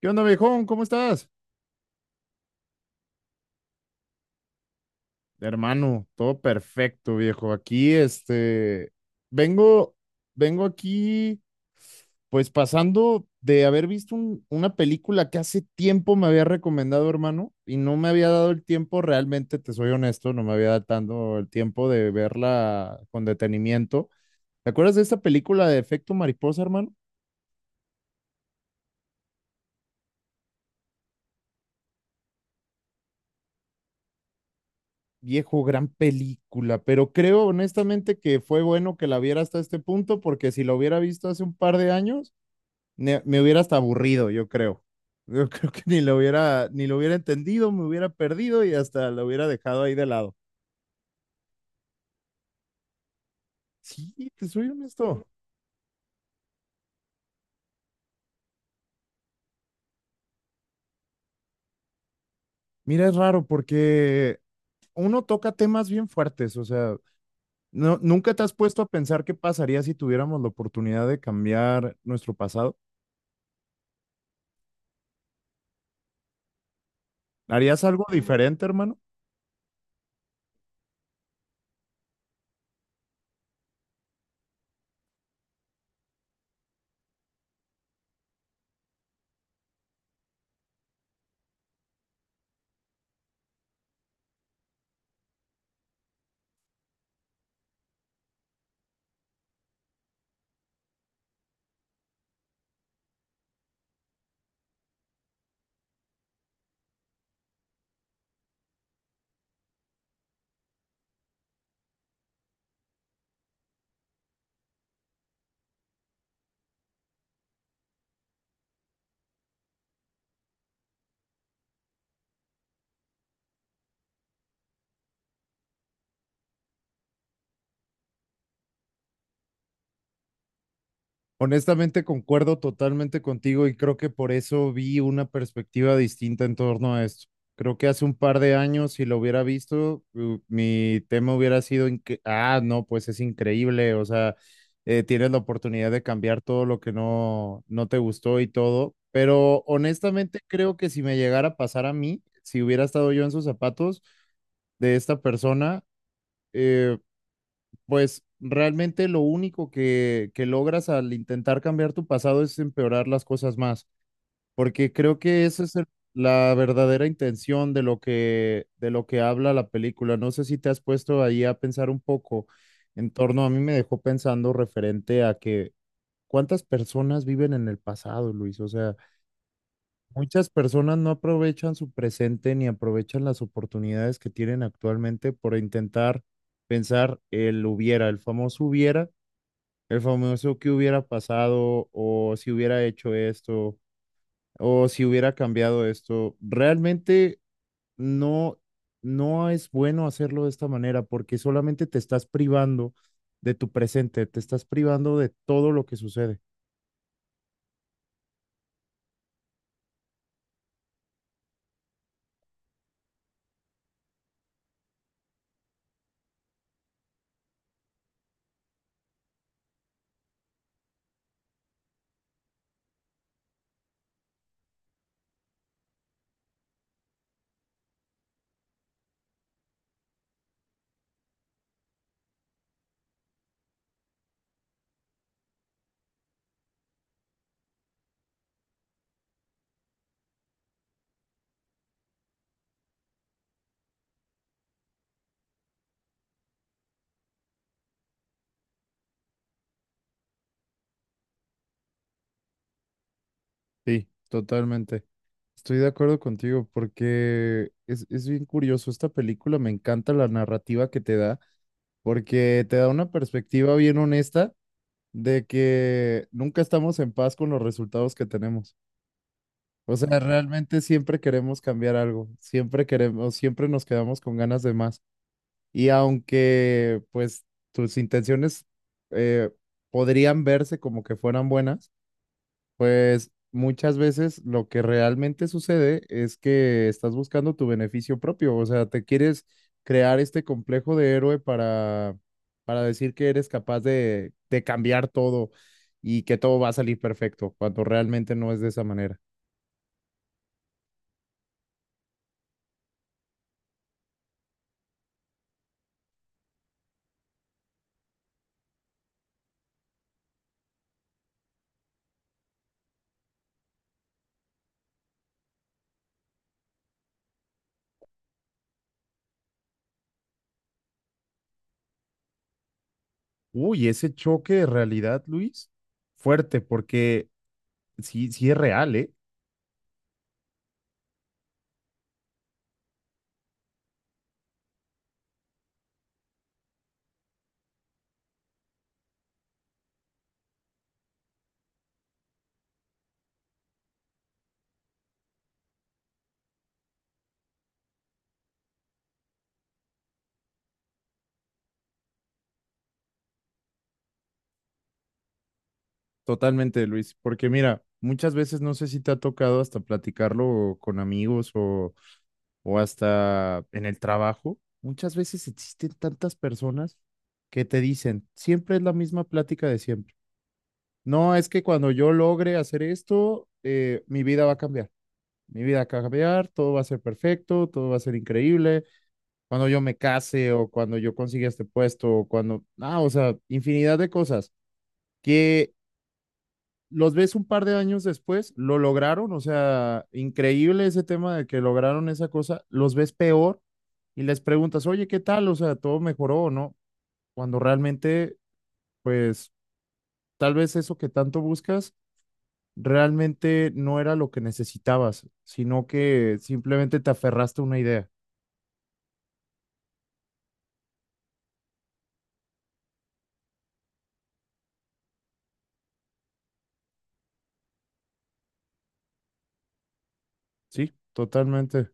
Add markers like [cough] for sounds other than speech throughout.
¿Qué onda, viejón? ¿Cómo estás? Hermano, todo perfecto, viejo. Aquí, vengo, vengo aquí, pues pasando de haber visto una película que hace tiempo me había recomendado, hermano, y no me había dado el tiempo, realmente, te soy honesto, no me había dado tanto el tiempo de verla con detenimiento. ¿Te acuerdas de esta película de Efecto Mariposa, hermano? Viejo, gran película, pero creo honestamente que fue bueno que la viera hasta este punto, porque si la hubiera visto hace un par de años, me hubiera hasta aburrido, yo creo. Yo [laughs] creo que ni lo hubiera entendido, me hubiera perdido y hasta lo hubiera dejado ahí de lado. Sí, te soy honesto. Mira, es raro porque uno toca temas bien fuertes, o sea, no, nunca te has puesto a pensar qué pasaría si tuviéramos la oportunidad de cambiar nuestro pasado. ¿Harías algo diferente, hermano? Honestamente, concuerdo totalmente contigo y creo que por eso vi una perspectiva distinta en torno a esto. Creo que hace un par de años, si lo hubiera visto, mi tema hubiera sido, no, pues es increíble, o sea, tienes la oportunidad de cambiar todo lo que no te gustó y todo, pero honestamente creo que si me llegara a pasar a mí, si hubiera estado yo en sus zapatos de esta persona, eh, pues realmente lo único que, logras al intentar cambiar tu pasado es empeorar las cosas más, porque creo que esa es la verdadera intención de lo que habla la película. No sé si te has puesto ahí a pensar un poco en torno, a mí me dejó pensando referente a que cuántas personas viven en el pasado, Luis. O sea, muchas personas no aprovechan su presente ni aprovechan las oportunidades que tienen actualmente por intentar pensar el hubiera, el famoso que hubiera pasado o si hubiera hecho esto o si hubiera cambiado esto. Realmente no, no es bueno hacerlo de esta manera porque solamente te estás privando de tu presente, te estás privando de todo lo que sucede. Sí, totalmente. Estoy de acuerdo contigo porque es bien curioso. Esta película me encanta la narrativa que te da porque te da una perspectiva bien honesta de que nunca estamos en paz con los resultados que tenemos. O sea, realmente siempre queremos cambiar algo, siempre queremos, siempre nos quedamos con ganas de más. Y aunque pues tus intenciones eh, podrían verse como que fueran buenas, pues muchas veces lo que realmente sucede es que estás buscando tu beneficio propio, o sea, te quieres crear este complejo de héroe para decir que eres capaz de cambiar todo y que todo va a salir perfecto, cuando realmente no es de esa manera. Uy, ese choque de realidad, Luis, fuerte, porque sí, sí es real, ¿eh? Totalmente, Luis, porque mira, muchas veces no sé si te ha tocado hasta platicarlo con amigos o hasta en el trabajo, muchas veces existen tantas personas que te dicen, siempre es la misma plática de siempre. No, es que cuando yo logre hacer esto, mi vida va a cambiar. Mi vida va a cambiar, todo va a ser perfecto, todo va a ser increíble. Cuando yo me case o cuando yo consiga este puesto o cuando, ah, o sea, infinidad de cosas que los ves un par de años después, lo lograron, o sea, increíble ese tema de que lograron esa cosa, los ves peor y les preguntas, oye, ¿qué tal? O sea, ¿todo mejoró o no? Cuando realmente, pues, tal vez eso que tanto buscas realmente no era lo que necesitabas, sino que simplemente te aferraste a una idea. Sí, totalmente.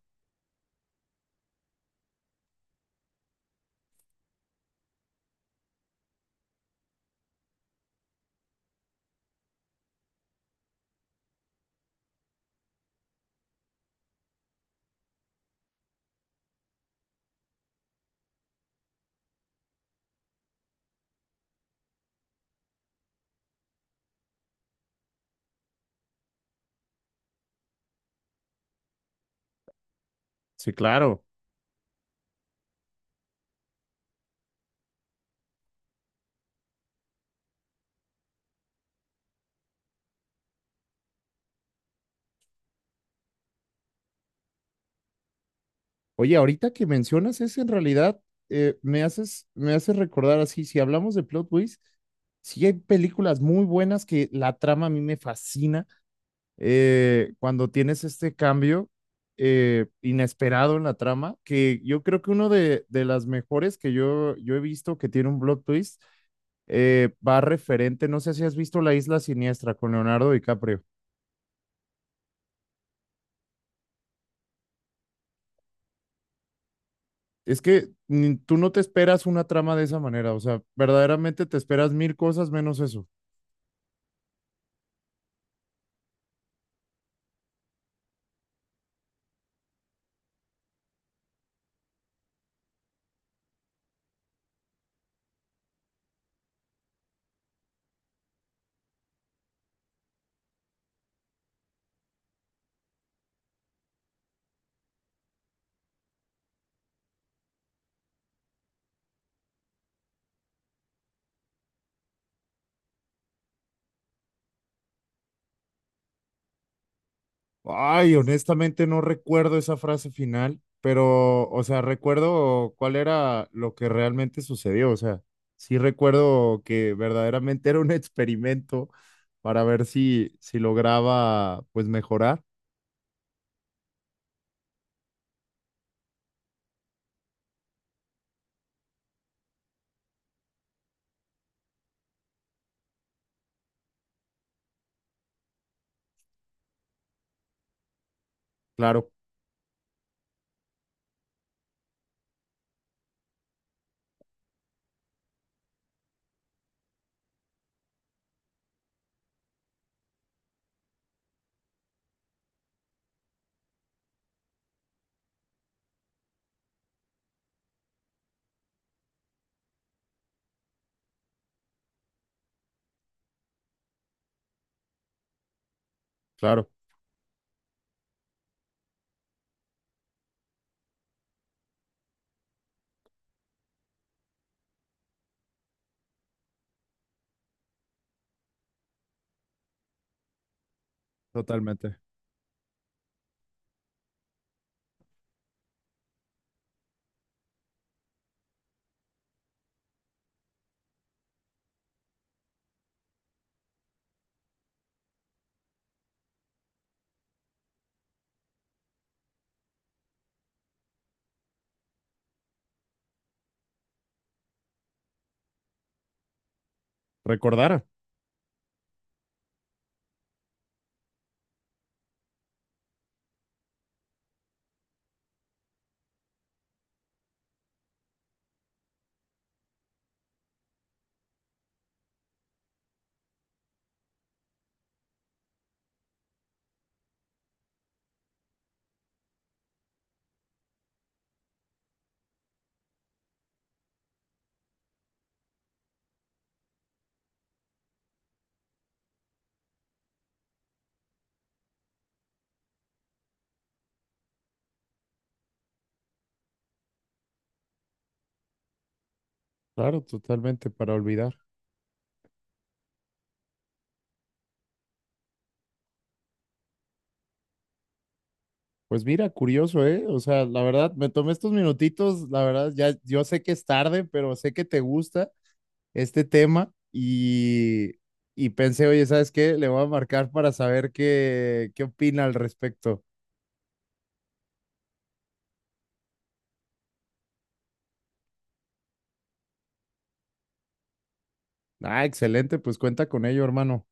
Sí, claro. Oye, ahorita que mencionas eso, en realidad me haces recordar así, si hablamos de plot twist, sí hay películas muy buenas que la trama a mí me fascina. Cuando tienes este cambio inesperado en la trama, que yo creo que uno de las mejores que yo he visto que tiene un plot twist va referente, no sé si has visto La Isla Siniestra con Leonardo DiCaprio. Es que tú no te esperas una trama de esa manera, o sea, verdaderamente te esperas mil cosas menos eso. Ay, honestamente no recuerdo esa frase final, pero, o sea, recuerdo cuál era lo que realmente sucedió, o sea, sí recuerdo que verdaderamente era un [laughs] experimento para ver si, si lograba, pues, mejorar. Claro, claro, totalmente. Recordar, claro, totalmente, para olvidar. Pues mira, curioso, ¿eh? O sea, la verdad, me tomé estos minutitos, la verdad, ya yo sé que es tarde, pero sé que te gusta este tema y pensé, oye, ¿sabes qué? Le voy a marcar para saber qué, qué opina al respecto. Ah, excelente, pues cuenta con ello, hermano.